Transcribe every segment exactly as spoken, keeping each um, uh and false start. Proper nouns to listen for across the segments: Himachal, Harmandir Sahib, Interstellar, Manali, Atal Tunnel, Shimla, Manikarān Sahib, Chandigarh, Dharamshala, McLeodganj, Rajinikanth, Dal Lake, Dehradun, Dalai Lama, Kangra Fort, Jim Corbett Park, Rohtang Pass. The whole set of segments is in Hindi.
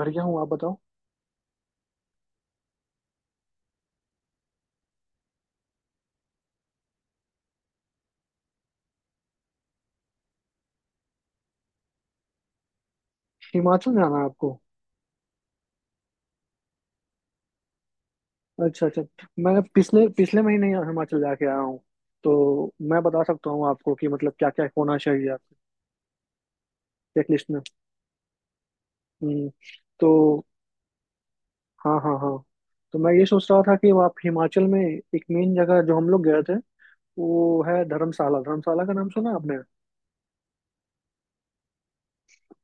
बढ़िया हूँ। आप बताओ। हिमाचल जाना है आपको? अच्छा अच्छा। मैं पिछले पिछले महीने ही हिमाचल जाके आया हूँ। तो मैं बता सकता हूँ आपको कि मतलब क्या क्या होना चाहिए आपके चेक लिस्ट में। हम्म। तो, हाँ हाँ हाँ। तो मैं ये सोच रहा था कि आप हिमाचल में एक मेन जगह जो हम लोग गए थे वो है धर्मशाला। धर्मशाला का नाम सुना आपने?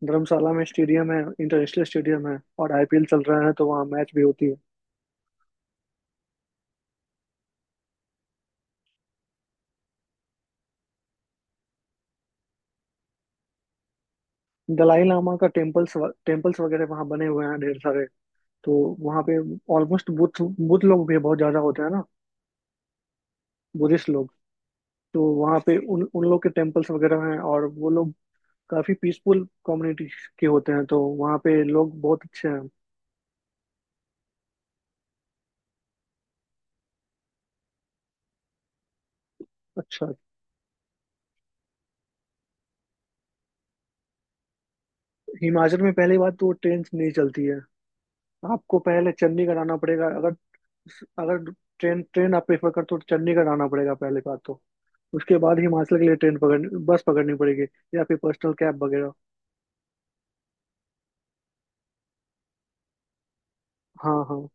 धर्मशाला में स्टेडियम है, इंटरनेशनल स्टेडियम है, और आईपीएल चल रहा है तो वहाँ मैच भी होती है। दलाई लामा का टेम्पल्स टेम्पल्स वगैरह वहाँ बने हुए हैं ढेर सारे। तो वहाँ पे ऑलमोस्ट बुद्ध बुद्ध लोग भी बहुत ज्यादा होते हैं ना, बुद्धिस्ट लोग। तो वहाँ पे उन उन लोग के टेम्पल्स वगैरह हैं और वो लोग काफी पीसफुल कम्युनिटी के होते हैं तो वहाँ पे लोग बहुत अच्छे हैं। अच्छा। हिमाचल में पहली बात तो ट्रेन नहीं चलती है। आपको पहले चंडीगढ़ आना पड़ेगा, अगर अगर ट्रेन ट्रेन आप प्रेफर करते हो तो चंडीगढ़ आना पड़ेगा पहले बात तो। उसके बाद हिमाचल के लिए ट्रेन पकड़ बस पकड़नी पड़ेगी, या फिर पर्सनल कैब वगैरह। हाँ हाँ।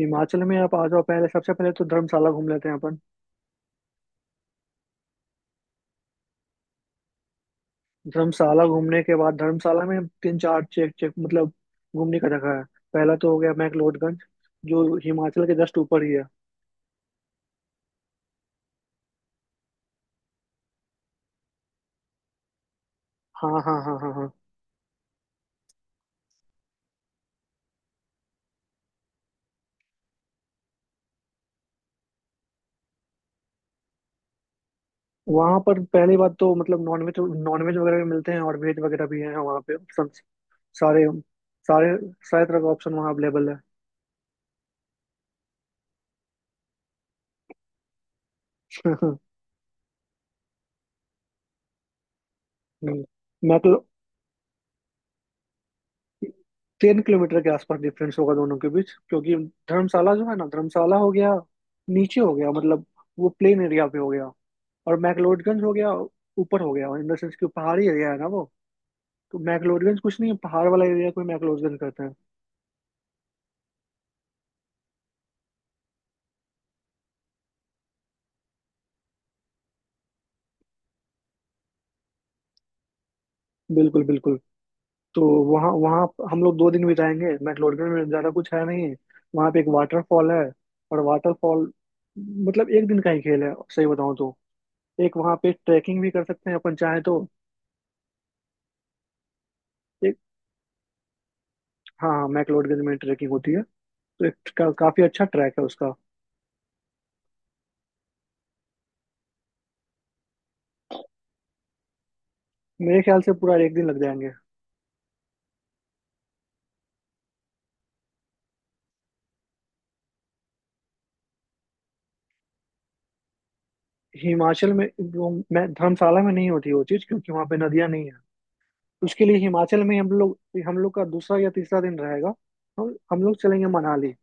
हिमाचल में आप आ जाओ। पहले सबसे पहले तो धर्मशाला घूम लेते हैं अपन। धर्मशाला घूमने के बाद धर्मशाला में तीन चार चेक चेक मतलब घूमने का जगह है। पहला तो हो गया मैक्लोडगंज, जो हिमाचल के जस्ट ऊपर ही है। हाँ हाँ हाँ हाँ हाँ। वहाँ पर पहली बात तो मतलब नॉनवेज नॉनवेज वगैरह भी मिलते हैं और वेज वगैरह भी हैं वहाँ पे, ऑप्शन सारे सारे सारे तरह का ऑप्शन वहाँ अवेलेबल है। हम्म। मैक्लो तीन किलोमीटर के आसपास डिफरेंस होगा दोनों के बीच, क्योंकि धर्मशाला जो है ना, धर्मशाला हो गया नीचे हो गया मतलब, वो प्लेन एरिया पे हो गया, और मैक्लोडगंज हो गया ऊपर हो गया, इन द सेंस कि वो पहाड़ी एरिया है ना वो। तो मैक्लोडगंज कुछ नहीं है, पहाड़ वाला एरिया को ही मैक्लोडगंज कहते हैं। बिल्कुल बिल्कुल। तो वहाँ वहाँ हम लोग दो दिन बिताएंगे मैक्लोडगंज में, ज़्यादा कुछ है नहीं। वहाँ पे एक वाटरफॉल है, और वाटरफॉल मतलब एक दिन का ही खेल है सही बताऊँ तो। एक वहाँ पे ट्रैकिंग भी कर सकते हैं अपन चाहे तो। एक हाँ हाँ, मैक्लोडगंज में ट्रैकिंग होती है। तो एक का, काफ़ी अच्छा ट्रैक है उसका। मेरे ख्याल से पूरा एक दिन लग जाएंगे। हिमाचल में वो मैं, धर्मशाला में नहीं होती वो चीज, क्योंकि वहां पे नदियां नहीं है। उसके लिए हिमाचल में हम लोग, हम लोग का दूसरा या तीसरा दिन रहेगा। हम हम लोग चलेंगे मनाली।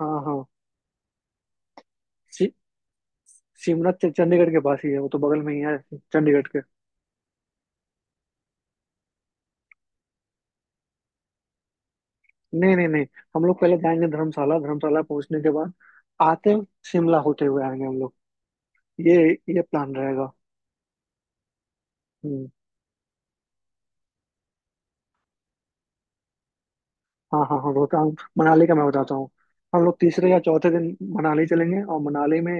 हाँ हाँ। सी, शिमला च- चंडीगढ़ के पास ही है, वो तो बगल में ही है चंडीगढ़ के। नहीं नहीं नहीं। हम लोग पहले जाएंगे धर्मशाला। धर्मशाला पहुंचने के बाद आते शिमला होते हुए आएंगे हम लोग। ये ये प्लान रहेगा। हम्म। हाँ हाँ हाँ, रोहतांग मनाली का मैं बताता हूँ। हम लोग तीसरे या चौथे दिन मनाली चलेंगे, और मनाली में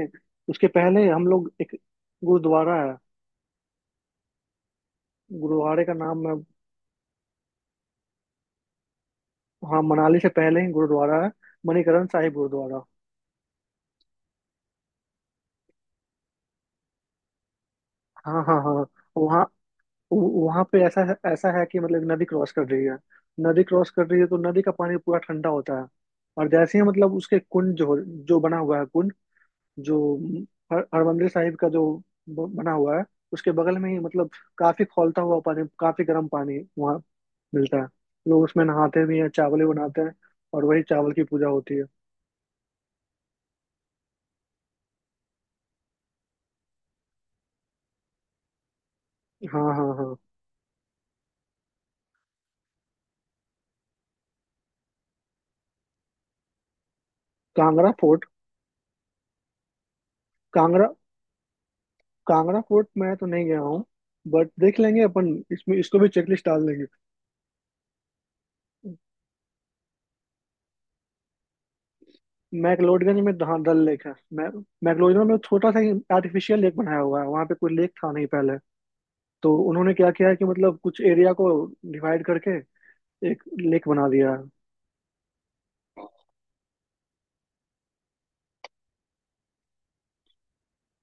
उसके पहले हम लोग, एक गुरुद्वारा है, गुरुद्वारे का नाम मैं। हाँ, मनाली से पहले ही गुरुद्वारा है, मणिकरण साहिब गुरुद्वारा। हाँ हाँ हाँ हाँ। वहाँ वो- वहाँ पे ऐसा है ऐसा है कि मतलब, नदी क्रॉस कर रही है। नदी क्रॉस कर रही है तो नदी का पानी पूरा ठंडा होता है। और जैसे ही मतलब उसके कुंड जो जो बना हुआ है, कुंड जो हर हरमंदिर साहिब का जो ब- बना हुआ है, उसके बगल में ही मतलब काफी खौलता हुआ पानी, काफी गर्म पानी वहाँ मिलता है। लोग उसमें नहाते भी हैं, चावल भी बनाते हैं, और वही चावल की पूजा होती है। हाँ हाँ हाँ। कांगड़ा फोर्ट। कांगड़ा कांगड़ा फोर्ट मैं तो नहीं गया हूँ, बट देख लेंगे अपन, इसमें इसको भी चेकलिस्ट डाल देंगे। मैक्लोडगंज में हाँ, डल लेक है। मै मैक्लोडगंज में छोटा सा ही आर्टिफिशियल लेक बनाया हुआ है, वहाँ पे कोई लेक था नहीं पहले। तो उन्होंने क्या किया है कि मतलब कुछ एरिया को डिवाइड करके एक लेक बना दिया है।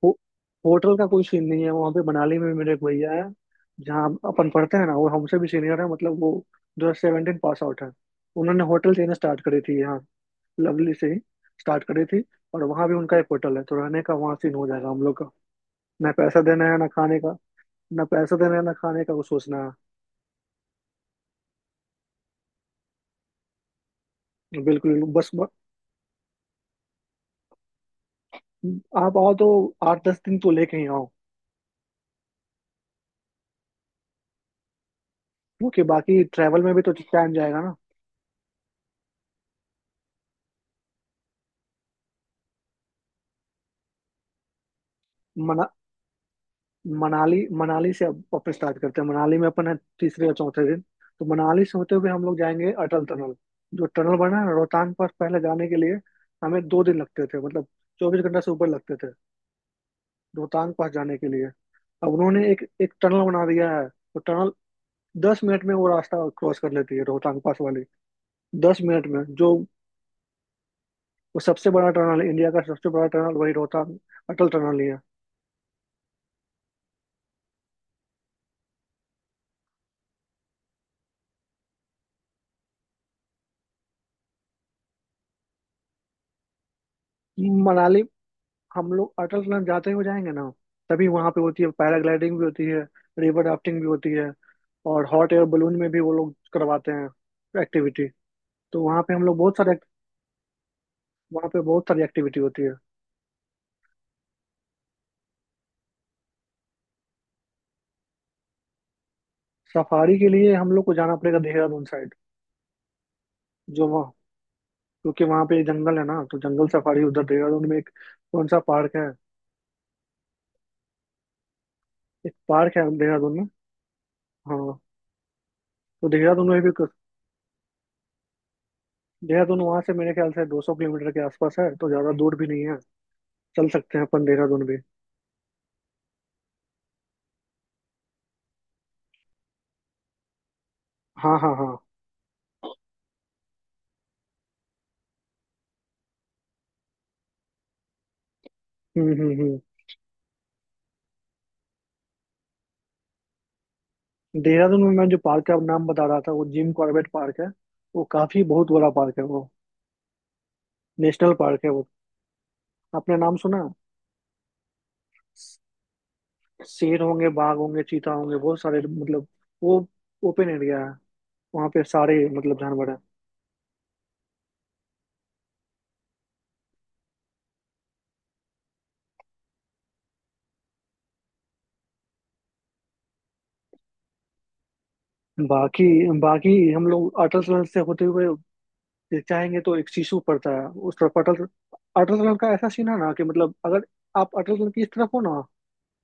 हो, होटल का कोई सीन नहीं है वहां पे। मनाली में मेरे एक भैया है जहाँ अपन पढ़ते हैं ना, वो हमसे भी सीनियर है मतलब, वो ट्वेंटी सेवनटीन पास आउट है। उन्होंने होटल चेन स्टार्ट करी थी यहाँ, लवली से ही स्टार्ट करी थी, और वहाँ भी उनका एक होटल है, तो रहने का वहाँ सीन हो जाएगा हम लोग का। ना पैसा देना है, ना खाने का। ना पैसा देना है ना खाने का, वो सोचना है। बिल्कुल बस ब, आप आओ तो आठ दस दिन तो लेके ही आओ, क्योंकि बाकी ट्रैवल में भी तो टाइम जाएगा ना। मना मनाली मनाली से अब वापस स्टार्ट करते हैं। मनाली में अपन है तीसरे या चौथे दिन। तो मनाली से होते हुए हम लोग जाएंगे अटल टनल, जो टनल बना है ना, रोहतांग पास पहले जाने के लिए हमें दो दिन लगते थे मतलब, चौबीस घंटा से ऊपर लगते थे रोहतांग पास जाने के लिए। अब उन्होंने एक एक टनल बना दिया है, तो टनल दस मिनट में वो रास्ता क्रॉस कर लेती है रोहतांग पास वाली, दस मिनट में जो, वो सबसे बड़ा टनल है इंडिया का, सबसे बड़ा टनल वही रोहतांग अटल टनल ही है। मनाली, हम लोग अटल टनल जाते हुए जाएंगे ना, तभी वहां पे होती है, पैराग्लाइडिंग भी होती है, रिवर राफ्टिंग भी होती है, और हॉट एयर बलून में भी वो लोग करवाते हैं एक्टिविटी। तो वहाँ पे हम लोग बहुत सारे, वहाँ पे बहुत सारी एक्टिविटी होती है। सफारी के लिए हम लोग को जाना पड़ेगा देहरादून साइड, जो वहाँ, क्योंकि वहाँ पे जंगल है ना, तो जंगल सफारी उधर देहरादून में, एक कौन सा पार्क है, एक पार्क है देहरादून में। हाँ। तो देहरादून में भी कुछ, देहरादून वहाँ से मेरे ख्याल से दो सौ किलोमीटर के आसपास है, तो ज़्यादा दूर भी नहीं है, चल सकते हैं अपन देहरादून भी। हाँ हाँ हाँ। हम्म हम्म हम्म। देहरादून में मैं जो पार्क का नाम बता रहा था, वो जिम कॉर्बेट पार्क है, वो काफी बहुत बड़ा पार्क है, वो नेशनल पार्क है वो, आपने नाम सुना? शेर होंगे, बाघ होंगे, चीता होंगे, बहुत सारे मतलब, वो ओपन एरिया है, वहाँ पे सारे मतलब जानवर है। बाकी बाकी हम लोग अटल टनल से होते हुए चाहेंगे तो एक शीशु पड़ता है उस तरफ, अटल अटल टनल का ऐसा सीन है ना कि मतलब, अगर आप अटल टनल की इस तरफ हो ना,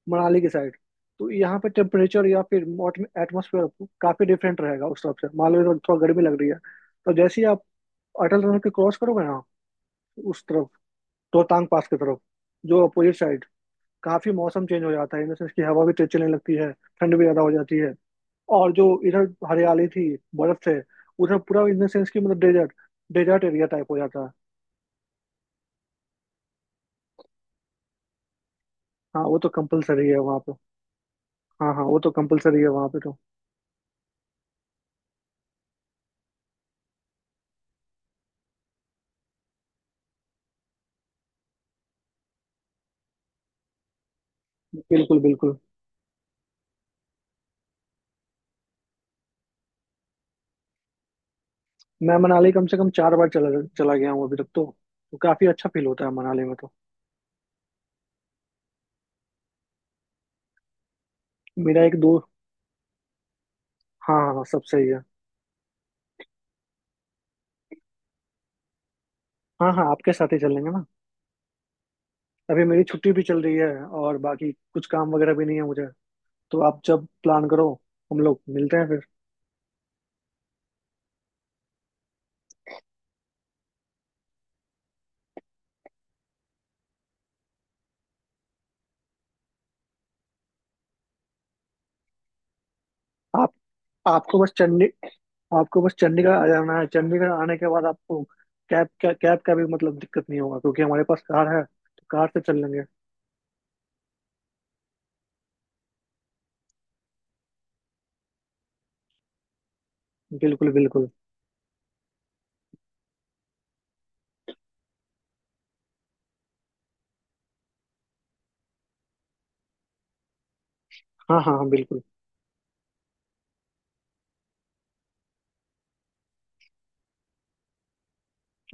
मनाली के साइड, तो यहाँ पे टेम्परेचर या फिर एटमोसफेयर काफी डिफरेंट रहेगा। उस तरफ से मालवे में थोड़ा गर्मी लग रही है, तो जैसे ही आप अटल टनल के क्रॉस करोगे ना उस तरफ, रोहतांग पास की तरफ, जो अपोजिट साइड, काफी मौसम चेंज हो जाता है, इन द सेंस की हवा भी तेज चलने लगती है, ठंड भी ज्यादा हो जाती है, और जो इधर हरियाली थी, बर्फ से उधर पूरा इन द सेंस की मतलब, डेजर्ट डेजर्ट एरिया टाइप हो जाता है। हाँ, वो तो कंपलसरी है वहाँ पे। हाँ हाँ, वो तो कंपलसरी है वहाँ पे तो। बिल्कुल बिल्कुल। मैं मनाली कम से कम चार बार चला चला गया हूँ अभी तक तो, तो काफी अच्छा फील होता है मनाली में तो। मेरा एक दो, हाँ हाँ सब सही है। हाँ हाँ, आपके साथ ही चलेंगे ना। अभी मेरी छुट्टी भी चल रही है और बाकी कुछ काम वगैरह भी नहीं है मुझे, तो आप जब प्लान करो, हम लोग मिलते हैं फिर। आप आपको बस चंडी आपको बस चंडीगढ़ आ जाना है, चंडीगढ़ आने के बाद आपको कैब का कैब का भी मतलब दिक्कत नहीं होगा, क्योंकि हमारे पास कार है, तो कार से चल लेंगे। बिल्कुल बिल्कुल। हाँ हाँ हाँ, बिल्कुल।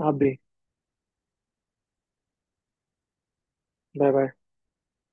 आप भी। Bye bye.